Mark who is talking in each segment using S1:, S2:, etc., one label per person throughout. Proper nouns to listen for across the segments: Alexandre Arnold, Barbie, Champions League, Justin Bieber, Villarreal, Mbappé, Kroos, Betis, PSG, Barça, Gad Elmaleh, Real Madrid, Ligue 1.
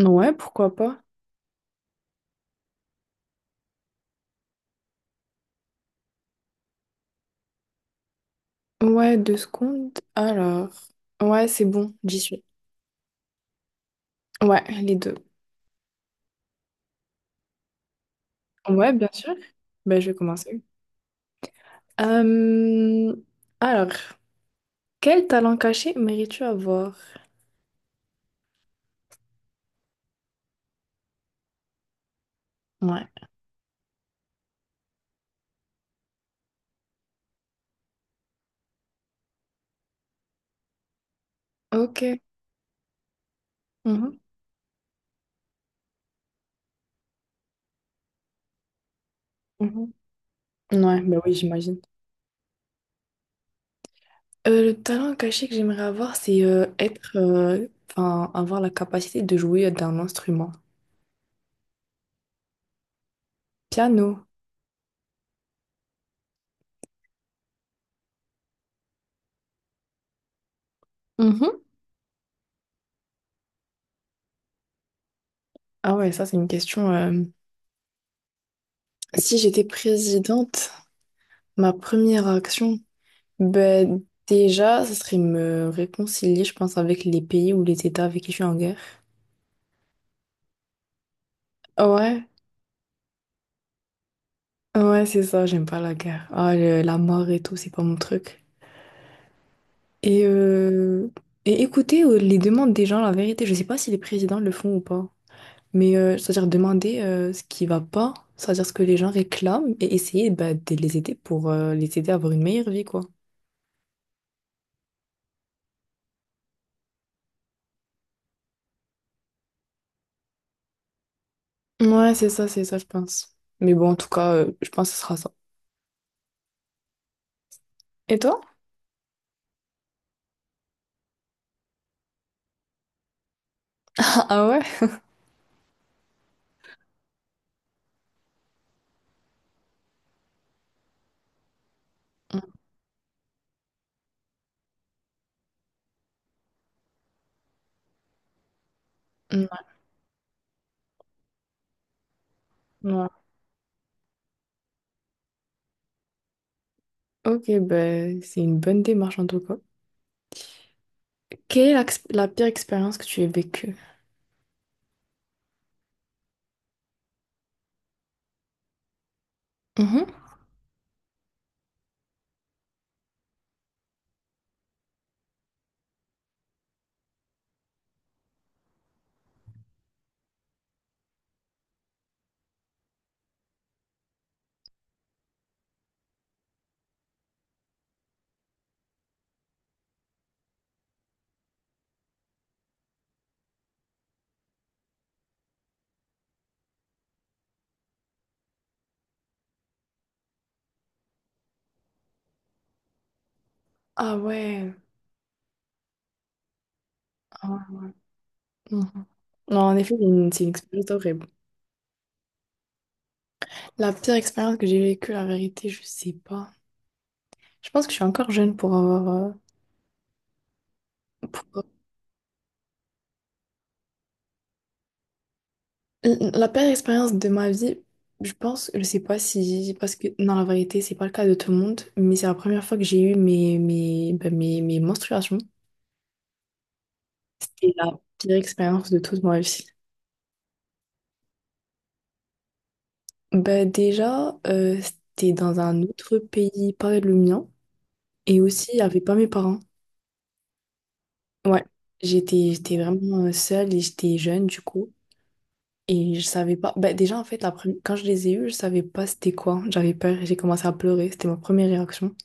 S1: Ouais, pourquoi pas. Ouais, deux secondes. Alors. Ouais, c'est bon, j'y suis. Ouais, les deux. Ouais, bien sûr. Ben, je vais commencer. Euh, Alors, quel talent caché mérites-tu avoir? Ouais. Ok. Mhm, mhm. Ouais, ben oui, j'imagine. Le talent caché que j'aimerais avoir, c'est être, enfin, avoir la capacité de jouer d'un instrument. Piano. Mhm. Ah ouais, ça, c'est une question. Si j'étais présidente, ma première action. Ben, déjà, ça serait me réconcilier, je pense, avec les pays ou les États avec qui je suis en guerre. Ouais, ouais, c'est ça, j'aime pas la guerre. Ah, la mort et tout, c'est pas mon truc. Et, euh, et écouter les demandes des gens, la vérité, je sais pas si les présidents le font ou pas. Mais c'est-à-dire demander ce qui va pas, c'est-à-dire ce que les gens réclament et essayer bah, de les aider pour les aider à avoir une meilleure vie, quoi. Ouais, c'est ça, je pense. Mais bon, en tout cas, je pense que ce sera ça. Et toi? Ah ouais? Mm, mm, ouais. Ok, ben, c'est une bonne démarche en tout cas. Quelle est la pire expérience que tu aies vécue? Mhm. Ah ouais. Ah ouais. Mhm. Non, en effet, c'est une expérience horrible. La pire expérience que j'ai vécue, la vérité, je sais pas. Je pense que je suis encore jeune pour avoir... pour- euh, La pire expérience de ma vie, je pense, je sais pas si... Parce que, non, la vérité, c'est pas le cas de tout le monde, mais c'est la première fois que j'ai eu mes menstruations. C'était la pire expérience de toute ma vie. Bah déjà, c'était dans un autre pays, pas le mien, et aussi il pas mes parents. Ouais, j'étais vraiment seule et j'étais jeune du coup, et je savais pas. Bah déjà en fait, la première quand je les ai eus, je savais pas c'était quoi. J'avais peur, et j'ai commencé à pleurer, c'était ma première réaction.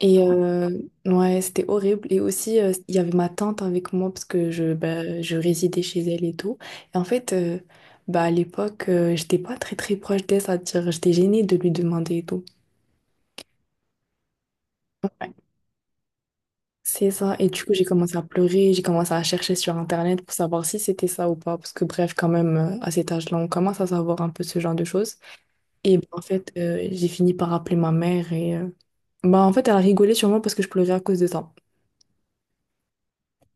S1: Et ouais, c'était horrible. Et aussi il y avait ma tante avec moi parce que je bah, je résidais chez elle et tout. Et en fait, bah à l'époque, j'étais pas très très proche d'elle, c'est-à-dire j'étais gênée de lui demander et tout. C'est ça. Et du coup, j'ai commencé à pleurer, j'ai commencé à chercher sur Internet pour savoir si c'était ça ou pas. Parce que bref, quand même, à cet âge-là, on commence à savoir un peu ce genre de choses. Et ben, en fait, j'ai fini par appeler ma mère et bah, en fait, elle a rigolé sur moi parce que je pleurais à cause de ça.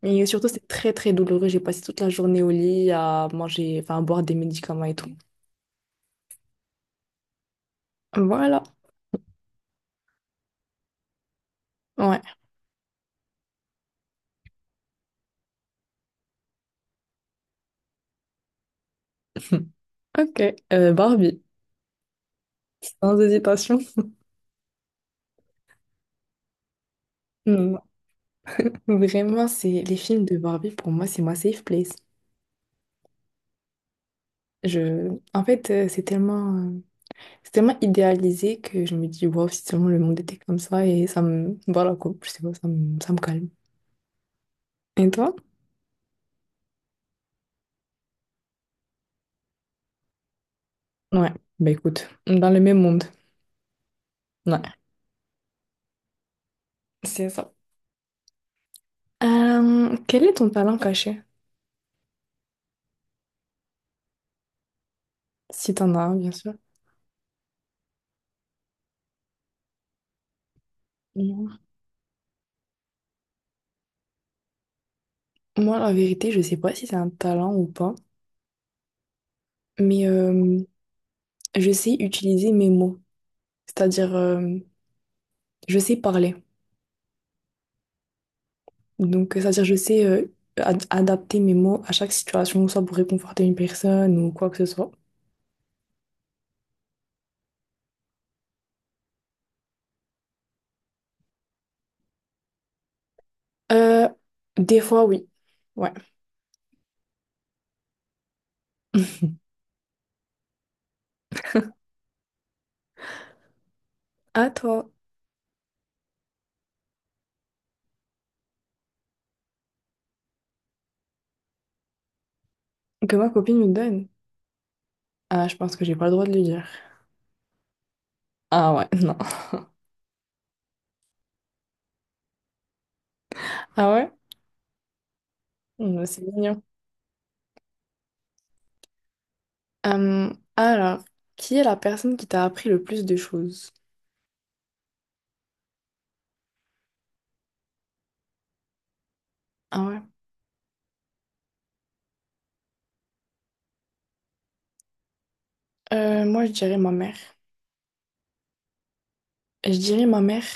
S1: Et surtout, c'est très très douloureux. J'ai passé toute la journée au lit à manger, enfin à boire des médicaments et tout. Voilà. Ouais. Ok. Barbie. Sans hésitation. Mm. Vraiment, c'est les films de Barbie, pour moi, c'est ma safe place. Je... En fait, c'est tellement idéalisé que je me dis, wow, si seulement le monde était comme ça, et ça me. Voilà quoi, je sais pas, ça me calme. Et toi? Ouais, bah écoute, dans le même monde. Ouais, c'est ça. Quel est ton talent caché? Si t'en as un, bien sûr. Mhm. Moi, la vérité, je sais pas si c'est un talent ou pas, mais je sais utiliser mes mots. C'est-à-dire, je sais parler. Donc, c'est-à-dire, je sais adapter mes mots à chaque situation, soit pour réconforter une personne ou quoi que ce soit. Euh, des fois, oui. Ouais. À toi, que ma copine me donne. Ah, je pense que j'ai pas le droit de le dire. Ah ouais, non. Ah ouais? Hmm, c'est mignon. Alors, qui est la personne qui t'a appris le plus de choses? Ah ouais. Moi, je dirais ma mère. Je dirais ma mère.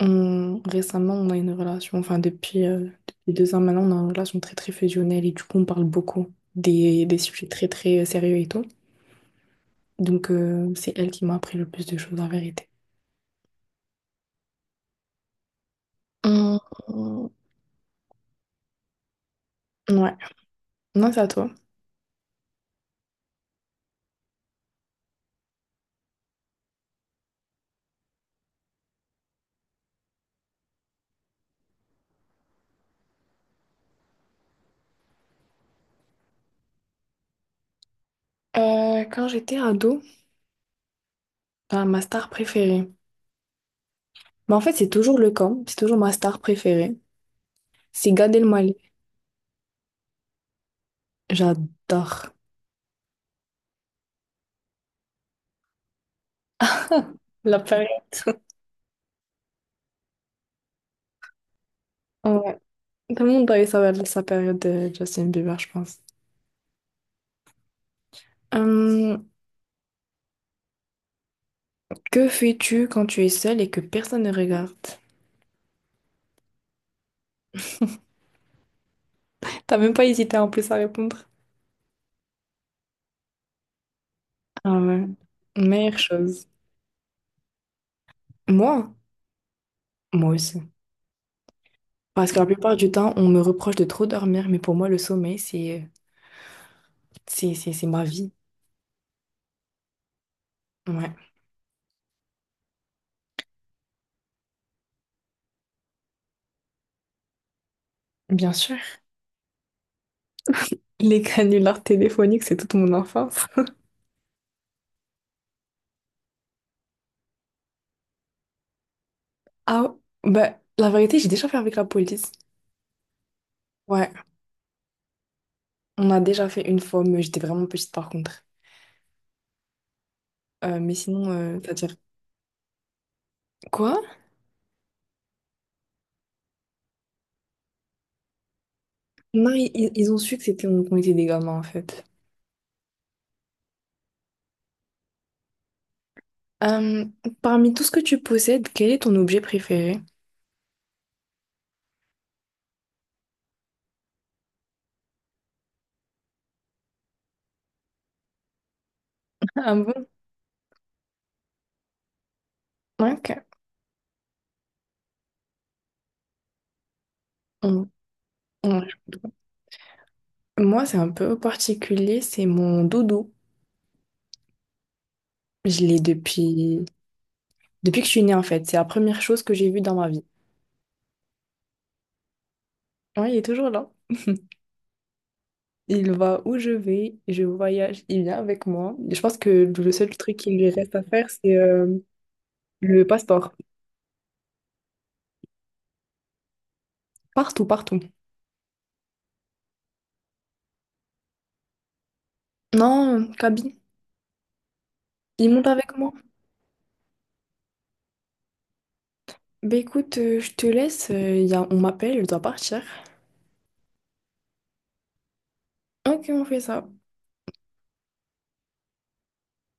S1: Récemment, on a une relation, enfin depuis, depuis 2 ans maintenant, on a une relation très très fusionnelle et du coup on parle beaucoup des sujets très très sérieux et tout. Donc c'est elle qui m'a appris le plus de choses en vérité. Hum, hum, ouais, non, c'est à toi. Quand j'étais ado, bah, ma star préférée. Mais en fait, c'est toujours le cas, c'est toujours ma star préférée. C'est Gad Elmaleh. J'adore. La période. Ouais. Tout le monde a eu sa période de Justin Bieber, je pense. Que fais-tu quand tu es seule et que personne ne regarde? T'as même pas hésité en plus à répondre. Ah ouais, meilleure chose. Moi? Moi aussi. Parce que la plupart du temps, on me reproche de trop dormir, mais pour moi, le sommeil, c'est ma vie. Ouais, bien sûr. Les canulars téléphoniques, c'est toute mon enfance. Ah, bah, la vérité, j'ai déjà fait avec la police. Ouais, on a déjà fait une fois, mais j'étais vraiment petite par contre. Mais sinon, c'est-à-dire... Quoi? Non, ils ont su que c'était, qu'on était des gamins, en fait. Euh, Parmi tout ce que tu possèdes, quel est ton objet préféré? Ah bon? Ouais, ok. On- on- Moi, c'est un peu particulier, c'est mon doudou. Je l'ai depuis... depuis que je suis née, en fait. C'est la première chose que j'ai vue dans ma vie. Oui, il est toujours là. Il va où je vais, je voyage, il vient avec moi. Je pense que le seul truc qui lui reste à faire, c'est le passeport. Partout, partout. Non, Kaby, il monte avec moi. Bah écoute, je te laisse, on m'appelle, je dois partir. Ok, on fait ça.